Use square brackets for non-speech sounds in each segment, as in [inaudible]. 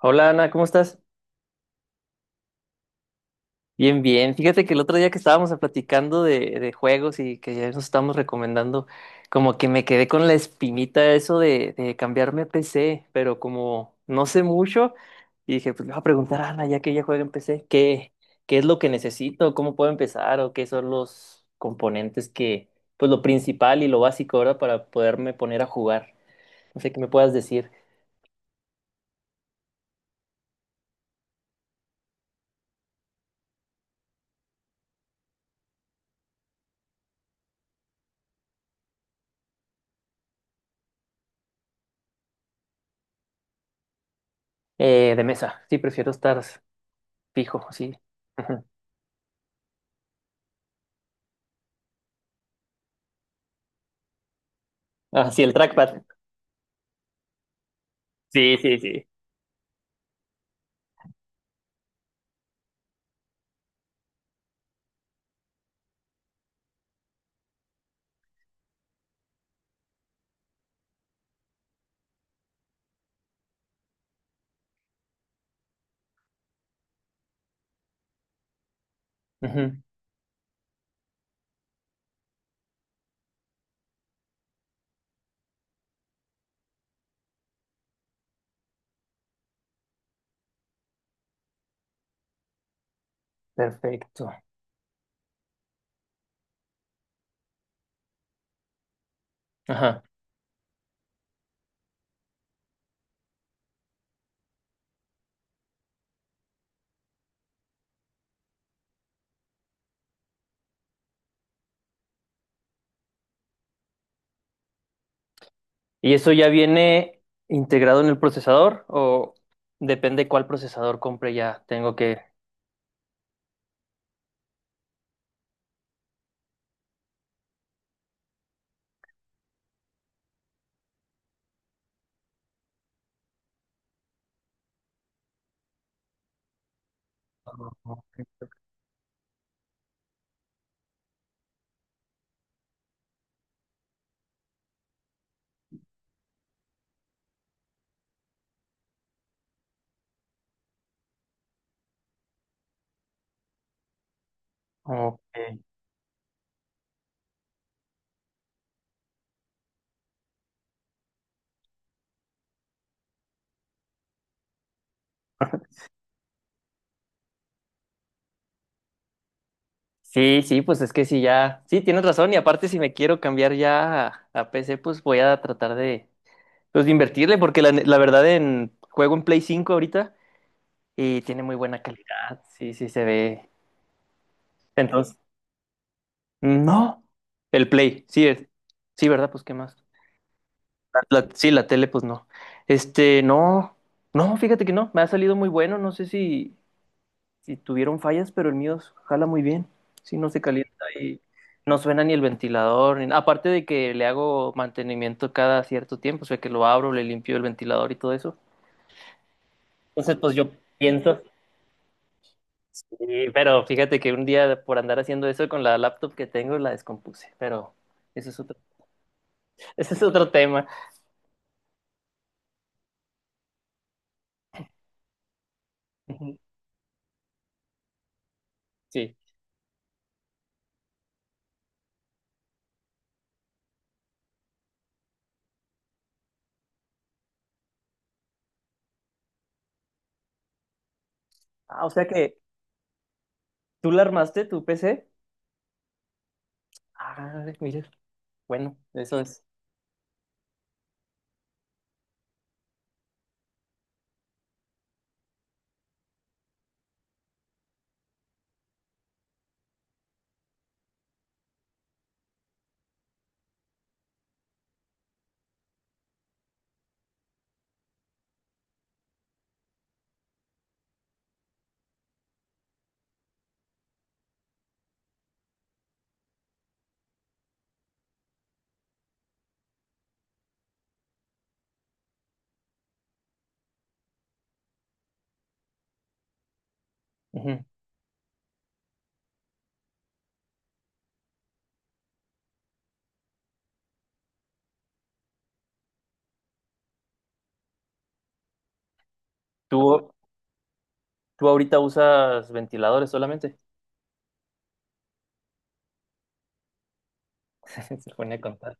Hola Ana, ¿cómo estás? Bien, bien. Fíjate que el otro día que estábamos platicando de juegos y que ya nos estábamos recomendando, como que me quedé con la espinita eso de cambiarme a PC, pero como no sé mucho, y dije, pues le voy a preguntar a Ana, ya que ella juega en PC. ¿ Qué es lo que necesito? ¿Cómo puedo empezar? ¿O qué son los componentes que, pues lo principal y lo básico ahora para poderme poner a jugar? No sé qué me puedas decir. De mesa, sí, prefiero estar fijo, sí. [laughs] Ajá. Ah, sí, el trackpad. Sí, sí, sí. Ujú, perfecto. Ajá. ¿Y eso ya viene integrado en el procesador o depende cuál procesador compre ya? Tengo que... Ok. Ok. Sí, sí, pues es que sí, ya... Sí, tienes razón. Y aparte, si me quiero cambiar ya a PC, pues voy a tratar de, pues, de invertirle porque la, ne- la verdad en juego en Play 5 ahorita y tiene muy buena calidad. Sí, sí, se ve. Entonces... No, el Play, sí es. Sí, ¿verdad? Pues qué más. La- sí, la tele, pues no. Este, no, no, fíjate que no, me ha salido muy bueno, no sé si, si tuvieron fallas, pero el mío jala muy bien, sí, no se calienta y no suena ni el ventilador, ni- aparte de que le hago mantenimiento cada cierto tiempo, o sea, que lo abro, le limpio el ventilador y todo eso. Entonces, pues yo pienso, y- pero fíjate que un día por andar haciendo eso con la laptop que tengo, la descompuse, pero ese es otro, [laughs] ese es otro tema. [laughs] Ujú, sí. Ah, o sea que, ¿tú la armaste, tu PC? Ah, mira, bueno, eso es. Ujú. ¿Tú, tú ahorita usas ventiladores solamente? [laughs] Se pone a contar.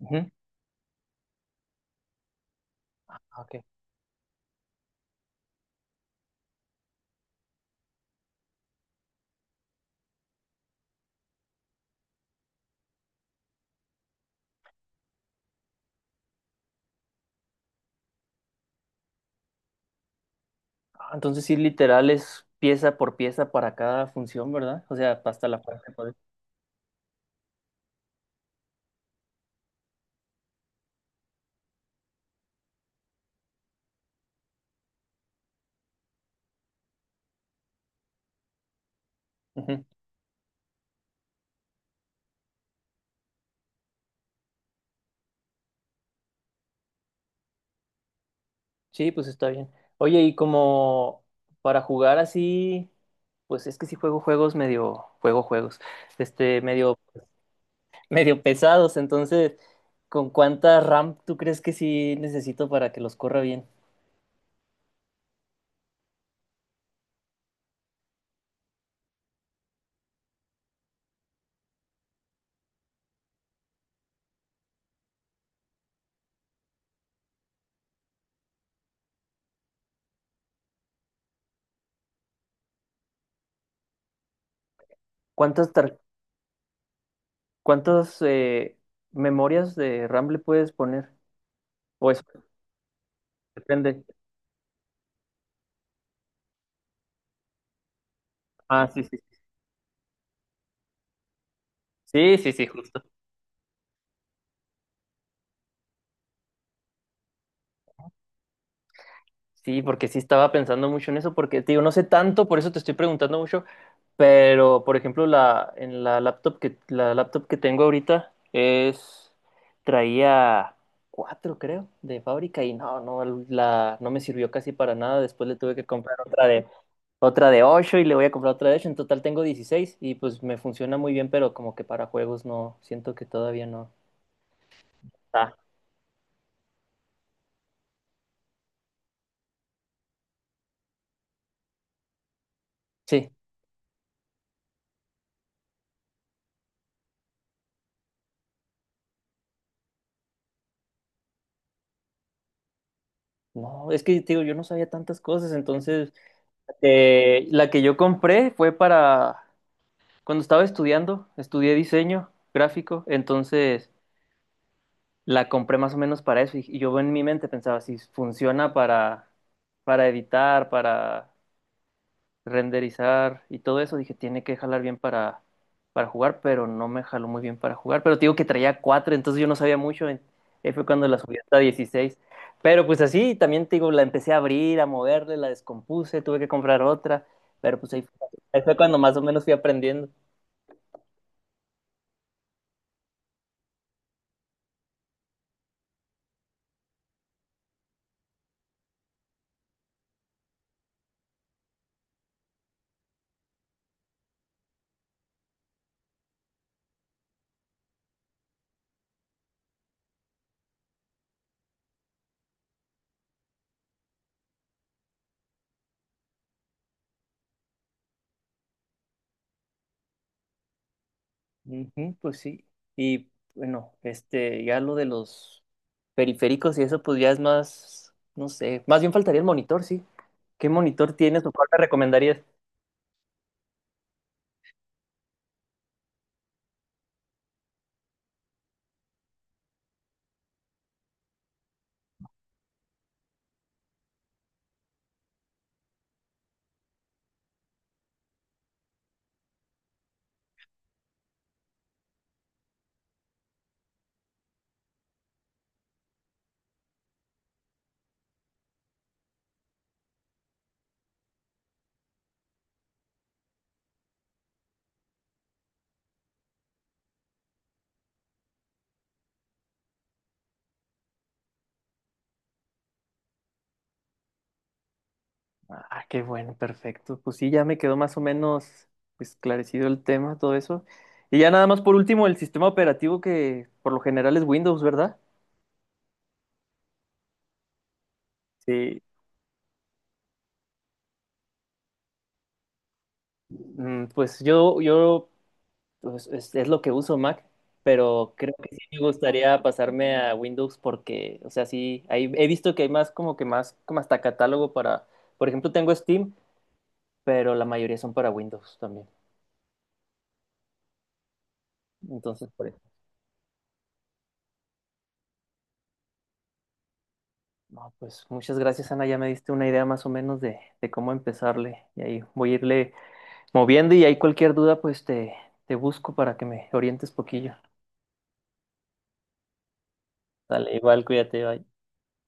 Ujú. Ah, ok. Ah, entonces sí, literal es pieza por pieza para cada función, ¿verdad? O sea, hasta la parte. Por- Ujú. Sí, pues está bien. Oye, y como para jugar así, pues es que sí juego juegos medio, juego juegos, este, medio, [laughs] medio pesados, entonces, ¿con cuánta RAM tú crees que sí necesito para que los corra bien? ¿Cuántas tar? ¿Cuántas memorias de RAM le puedes poner? O eso depende. Ah, sí, sí. Sí, sí, sí, justo. Sí, porque sí estaba pensando mucho en eso, porque, te digo, no sé tanto, por eso te estoy preguntando mucho, pero, por ejemplo, la, en la laptop que tengo ahorita es, traía cuatro, creo, de fábrica y no, no, la, no me sirvió casi para nada, después le tuve que comprar otra de 8 y le voy a comprar otra de ocho. En total tengo 16 y pues me funciona muy bien, pero como que para juegos no, siento que todavía no. Ah, sí. No, es que te digo, yo no sabía tantas cosas, entonces la que yo compré fue para cuando estaba estudiando, estudié diseño gráfico, entonces la compré más o menos para eso y yo en mi mente pensaba si funciona para editar, para renderizar y todo eso, dije, tiene que jalar bien para jugar, pero no me jaló muy bien para jugar. Pero te digo que traía 4 entonces yo no sabía mucho. En- Ahí fue cuando la subí hasta 16. Pero pues así, también te digo, la empecé a abrir, a moverle, la descompuse, tuve que comprar otra. Pero pues ahí fue cuando más o menos fui aprendiendo. Ujú, pues sí. Y bueno, este, ya lo de los periféricos y eso, pues ya es más, no sé, más bien faltaría el monitor, sí. ¿Qué monitor tienes o cuál te recomendarías? Ah, qué bueno, perfecto. Pues sí, ya me quedó más o menos esclarecido el tema, todo eso. Y ya nada más por último, el sistema operativo que por lo general es Windows, ¿verdad? Sí. Mm, pues yo pues, es lo que uso Mac, pero creo que sí me gustaría pasarme a Windows porque, o sea, sí, ahí he visto que hay más como que más, como hasta catálogo para, por ejemplo, tengo Steam, pero la mayoría son para Windows también. Entonces, por... No, pues muchas gracias, Ana. Ya me diste una idea más o menos de cómo empezarle. Y ahí voy a irle moviendo y ahí cualquier duda, pues te busco para que me orientes poquillo. Dale, igual, cuídate, bye.